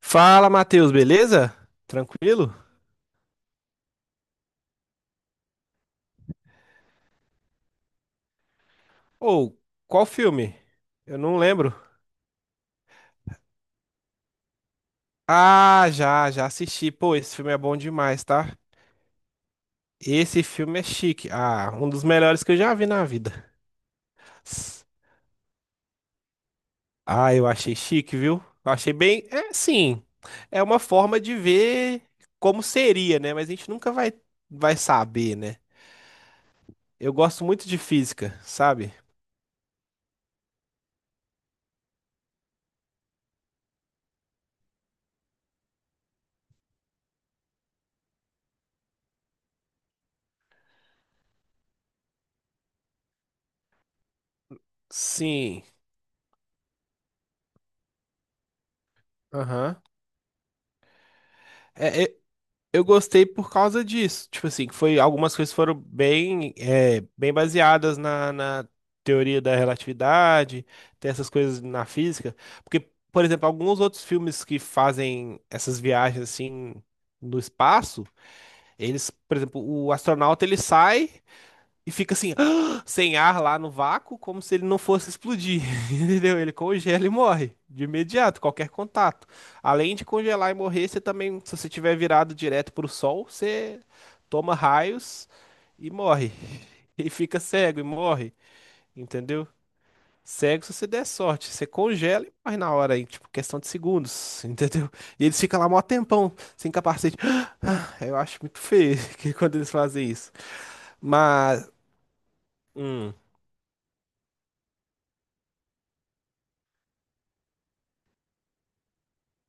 Fala, Matheus, beleza? Tranquilo? Ou, qual filme? Eu não lembro. Ah, já, já assisti. Pô, esse filme é bom demais, tá? Esse filme é chique. Ah, um dos melhores que eu já vi na vida. S- Ah, eu achei chique, viu? Eu achei bem. É, sim. É uma forma de ver como seria, né? Mas a gente nunca vai saber, né? Eu gosto muito de física, sabe? Sim. Aham. É, é, eu gostei por causa disso. Tipo assim, que foi algumas coisas foram bem, é, bem baseadas na teoria da relatividade, tem essas coisas na física. Porque, por exemplo, alguns outros filmes que fazem essas viagens assim no espaço, eles, por exemplo, o astronauta ele sai. E fica assim, sem ar lá no vácuo, como se ele não fosse explodir. Entendeu? Ele congela e morre de imediato, qualquer contato. Além de congelar e morrer, você também, se você tiver virado direto pro sol, você toma raios e morre. E fica cego e morre, entendeu? Cego se você der sorte. Você congela e morre na hora aí, tipo, questão de segundos, entendeu? E eles ficam lá mó tempão, sem capacete. Ah, eu acho muito feio que quando eles fazem isso. Mas. hum,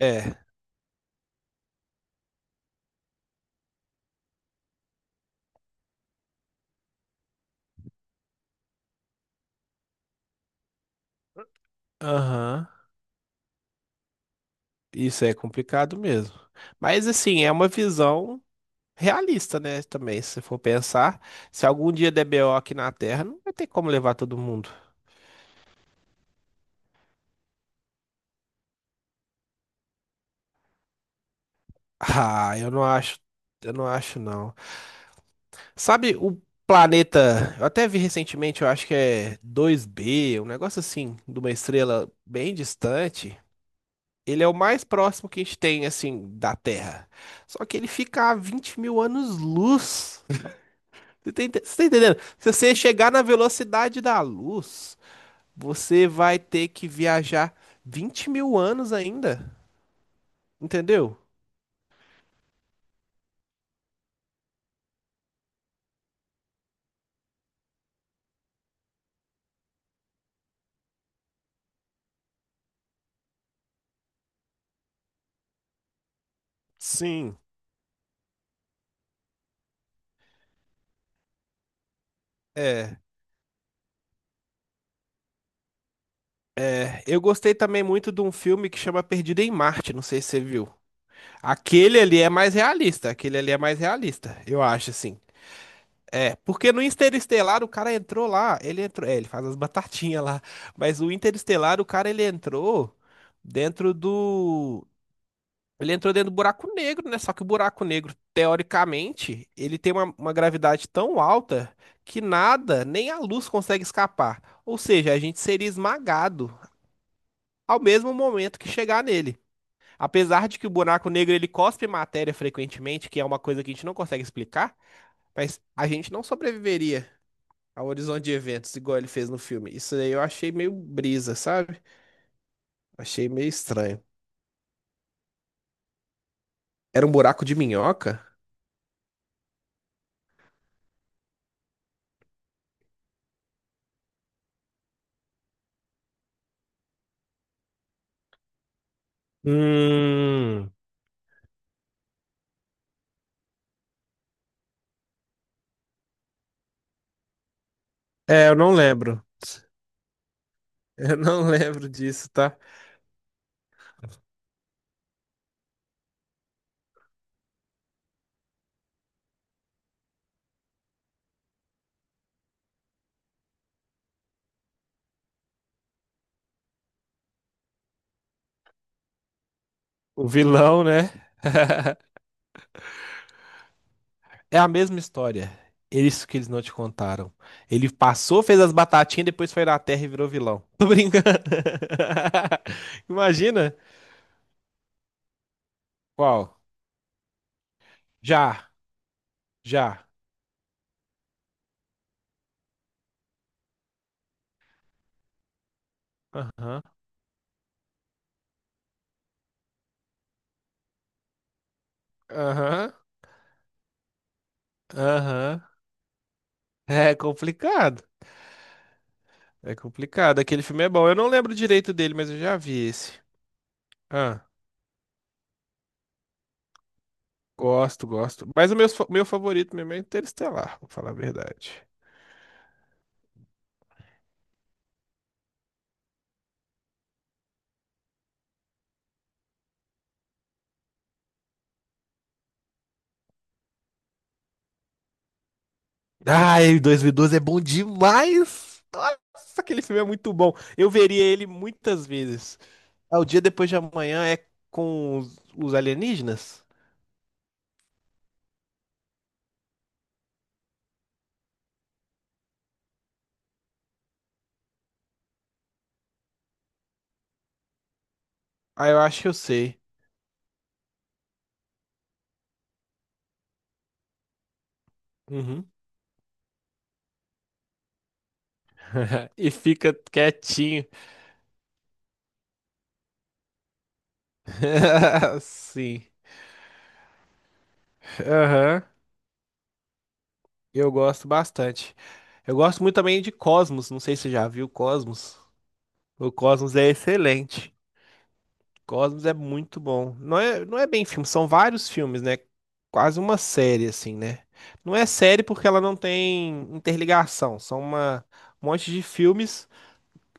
É, aham. Isso é complicado mesmo. Mas assim, é uma visão realista, né? Também, se for pensar, se algum dia der BO aqui na Terra, não vai ter como levar todo mundo. Ah, eu não acho não. Sabe o planeta, eu até vi recentemente, eu acho que é dois b um negócio assim, de uma estrela bem distante. Ele é o mais próximo que a gente tem, assim, da Terra. Só que ele fica a 20 mil anos-luz. Você tá entendendo? Se você chegar na velocidade da luz, você vai ter que viajar 20 mil anos ainda. Entendeu? Sim. É. É. Eu gostei também muito de um filme que chama Perdido em Marte. Não sei se você viu. Aquele ali é mais realista. Aquele ali é mais realista, eu acho, assim. É, porque no Interestelar o cara entrou lá, ele entrou, é, ele faz as batatinhas lá, mas o Interestelar o cara ele entrou dentro do. Ele entrou dentro do buraco negro, né? Só que o buraco negro, teoricamente, ele tem uma gravidade tão alta que nada, nem a luz consegue escapar. Ou seja, a gente seria esmagado ao mesmo momento que chegar nele. Apesar de que o buraco negro ele cospe matéria frequentemente, que é uma coisa que a gente não consegue explicar, mas a gente não sobreviveria ao horizonte de eventos igual ele fez no filme. Isso aí eu achei meio brisa, sabe? Achei meio estranho. Era um buraco de minhoca? Hum, é, eu não lembro. Eu não lembro disso, tá? O vilão, né? É a mesma história. É isso que eles não te contaram. Ele passou, fez as batatinhas, depois foi na Terra e virou vilão. Tô brincando. Imagina. Qual? Já, já. Aham, aham, aham. É complicado. É complicado. Aquele filme é bom. Eu não lembro direito dele, mas eu já vi esse. Ah. Gosto, gosto. Mas o meu favorito mesmo é Interestelar, vou falar a verdade. Ai, 2012 é bom demais! Nossa, aquele filme é muito bom. Eu veria ele muitas vezes. Ah, o dia depois de amanhã é com os alienígenas? Ah, eu acho que eu sei. Uhum. E fica quietinho. Sim. Aham, eu gosto bastante. Eu gosto muito também de Cosmos, não sei se você já viu Cosmos. O Cosmos é excelente. Cosmos é muito bom. Não é, não é bem filme, são vários filmes, né? Quase uma série, assim, né? Não é série porque ela não tem interligação, são uma, um monte de filmes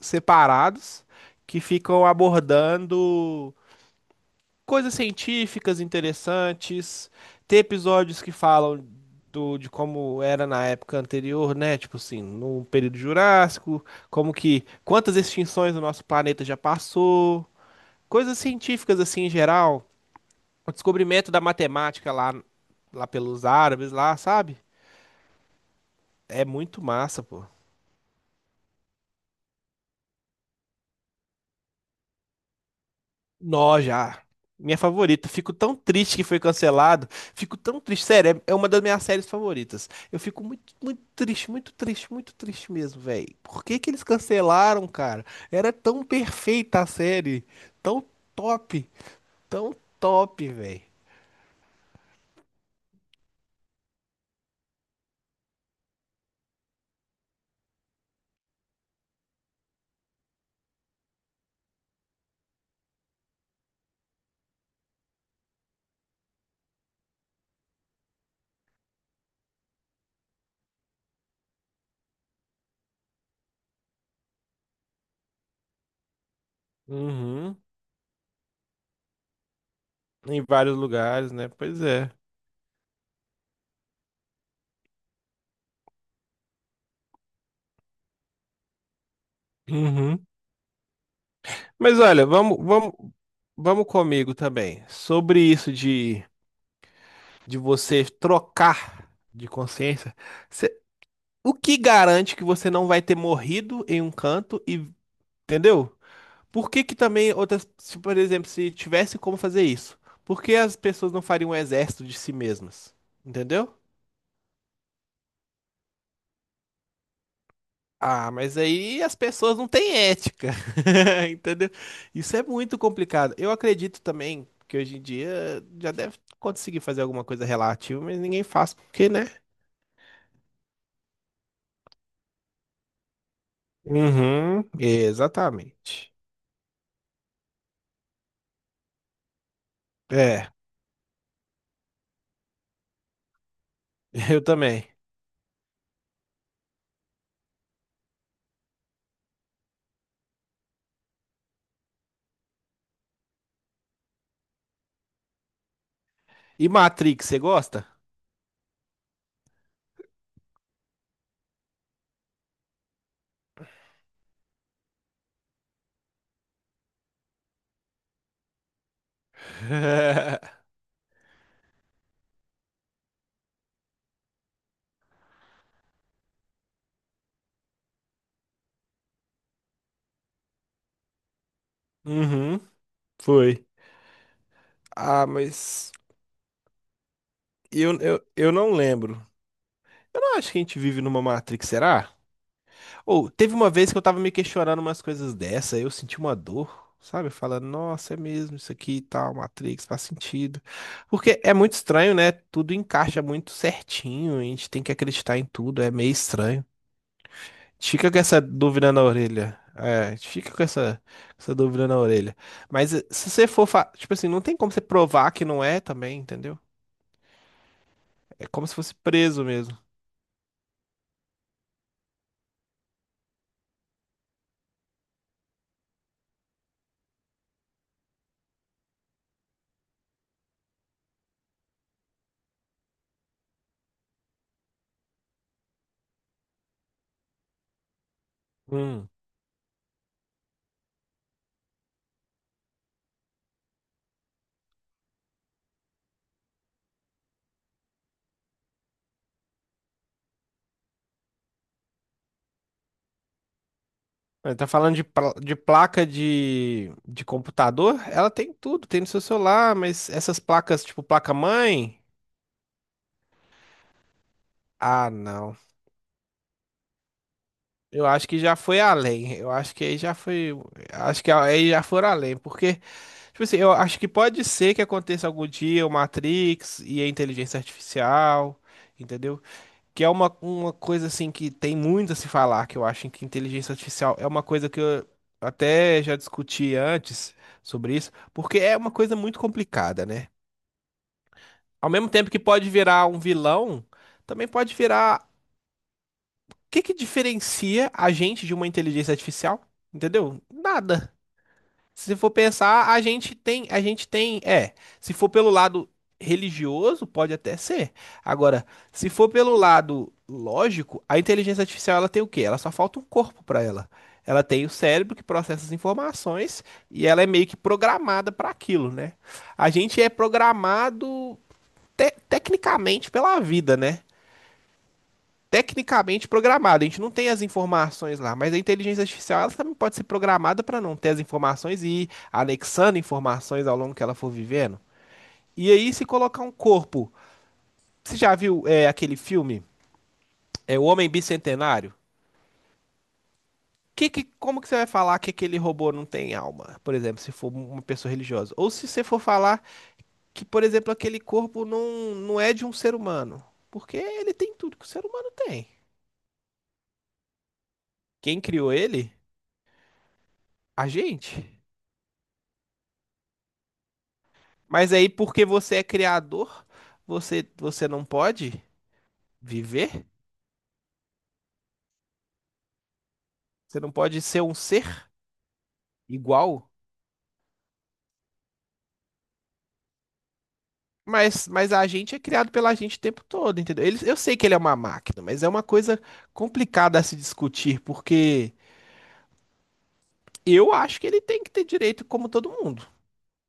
separados que ficam abordando coisas científicas interessantes, ter episódios que falam do, de como era na época anterior, né? Tipo assim, no período Jurássico, como que quantas extinções o nosso planeta já passou, coisas científicas assim em geral, o descobrimento da matemática lá pelos árabes lá, sabe? É muito massa, pô. Nó já. Minha favorita. Fico tão triste que foi cancelado. Fico tão triste. Sério, é uma das minhas séries favoritas. Eu fico muito, muito triste, muito triste, muito triste mesmo, velho. Por que que eles cancelaram, cara? Era tão perfeita a série. Tão top. Tão top, velho. Uhum. Em vários lugares, né? Pois é. Uhum. Mas olha, vamos, vamos, vamos comigo também. Sobre isso de você trocar de consciência. O que garante que você não vai ter morrido em um canto e, entendeu? Por que que também outras, se, por exemplo, se tivesse como fazer isso, por que as pessoas não fariam um exército de si mesmas? Entendeu? Ah, mas aí as pessoas não têm ética, entendeu? Isso é muito complicado. Eu acredito também que hoje em dia já deve conseguir fazer alguma coisa relativa, mas ninguém faz porque, né? Uhum, exatamente. É, eu também. E Matrix, você gosta? Uhum, foi. Ah, mas eu não lembro. Eu não acho que a gente vive numa Matrix, será? Ou teve uma vez que eu tava me questionando umas coisas dessa, eu senti uma dor, sabe? Falando, nossa, é mesmo isso aqui e tal, Matrix, faz sentido. Porque é muito estranho, né? Tudo encaixa muito certinho, a gente tem que acreditar em tudo, é meio estranho. Fica com essa dúvida na orelha. É, fica com essa dúvida na orelha. Mas se você for, tipo assim, não tem como você provar que não é também, entendeu? É como se fosse preso mesmo. Hum. Tá falando de, de placa de computador? Ela tem tudo, tem no seu celular, mas essas placas, tipo placa-mãe? Ah, não. Eu acho que já foi além. Eu acho que aí já foi. Acho que aí já foram além, porque. Tipo assim, eu acho que pode ser que aconteça algum dia o Matrix e a inteligência artificial, entendeu? Que é uma coisa assim que tem muito a se falar, que eu acho que inteligência artificial é uma coisa que eu até já discuti antes sobre isso, porque é uma coisa muito complicada, né? Ao mesmo tempo que pode virar um vilão, também pode virar. O que que diferencia a gente de uma inteligência artificial? Entendeu? Nada. Se for pensar, a gente tem, é, se for pelo lado religioso, pode até ser. Agora, se for pelo lado lógico, a inteligência artificial ela tem o quê? Ela só falta um corpo para ela. Ela tem o cérebro que processa as informações e ela é meio que programada para aquilo, né? A gente é programado tecnicamente pela vida, né? Tecnicamente programado. A gente não tem as informações lá, mas a inteligência artificial ela também pode ser programada para não ter as informações e ir anexando informações ao longo que ela for vivendo. E aí, se colocar um corpo, você já viu é, aquele filme, é, O Homem Bicentenário? Que, como que você vai falar que aquele robô não tem alma, por exemplo, se for uma pessoa religiosa? Ou se você for falar que, por exemplo, aquele corpo não, não é de um ser humano? Porque ele tem tudo que o ser humano tem. Quem criou ele? A gente. Mas aí, porque você é criador, você, você não pode viver? Você não pode ser um ser igual? Mas a gente é criado pela gente o tempo todo, entendeu? Ele- eu sei que ele é uma máquina, mas é uma coisa complicada a se discutir, porque eu acho que ele tem que ter direito como todo mundo.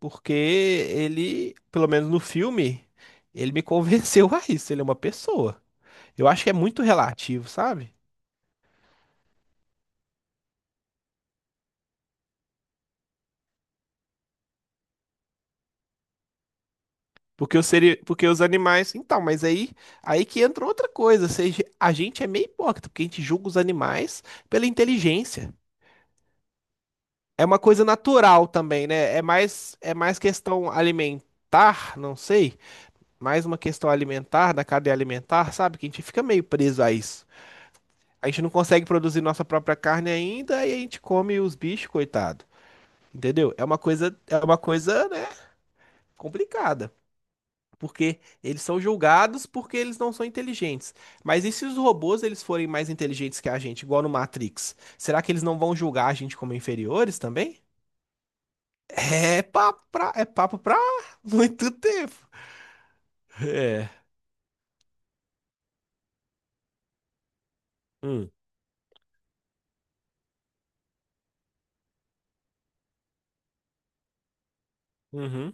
Porque ele, pelo menos no filme, ele me convenceu a isso. Ele é uma pessoa. Eu acho que é muito relativo, sabe? Porque os, seri... porque os animais. Então, mas aí, aí que entra outra coisa. Ou seja, a gente é meio hipócrita, porque a gente julga os animais pela inteligência. É uma coisa natural também, né? É mais questão alimentar, não sei. Mais uma questão alimentar, da cadeia alimentar, sabe? Que a gente fica meio preso a isso. A gente não consegue produzir nossa própria carne ainda e a gente come os bichos, coitado. Entendeu? É uma coisa, né, complicada. Porque eles são julgados porque eles não são inteligentes. Mas e se os robôs eles forem mais inteligentes que a gente, igual no Matrix? Será que eles não vão julgar a gente como inferiores também? É papo pra muito tempo. É. Hum. Uhum.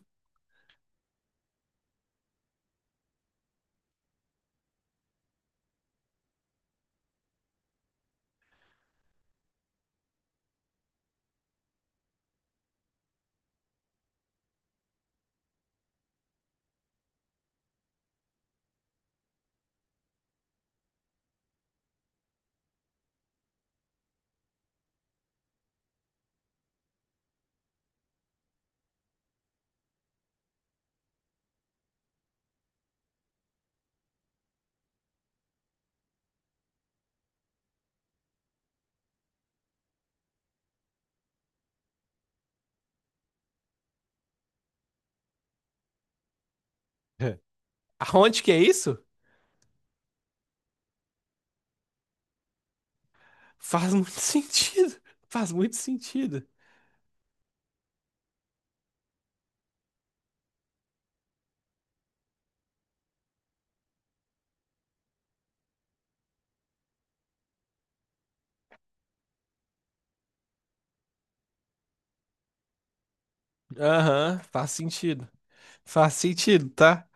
É. Aonde que é isso? Faz muito sentido. Faz muito sentido. Aham, faz sentido. Faz sentido, tá?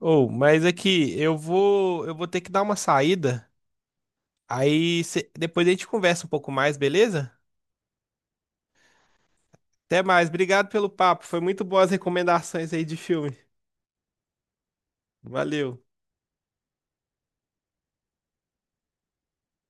Ou, mas é que eu vou ter que dar uma saída. Aí cê- depois a gente conversa um pouco mais, beleza? Até mais. Obrigado pelo papo. Foi muito boas recomendações aí de filme. Valeu.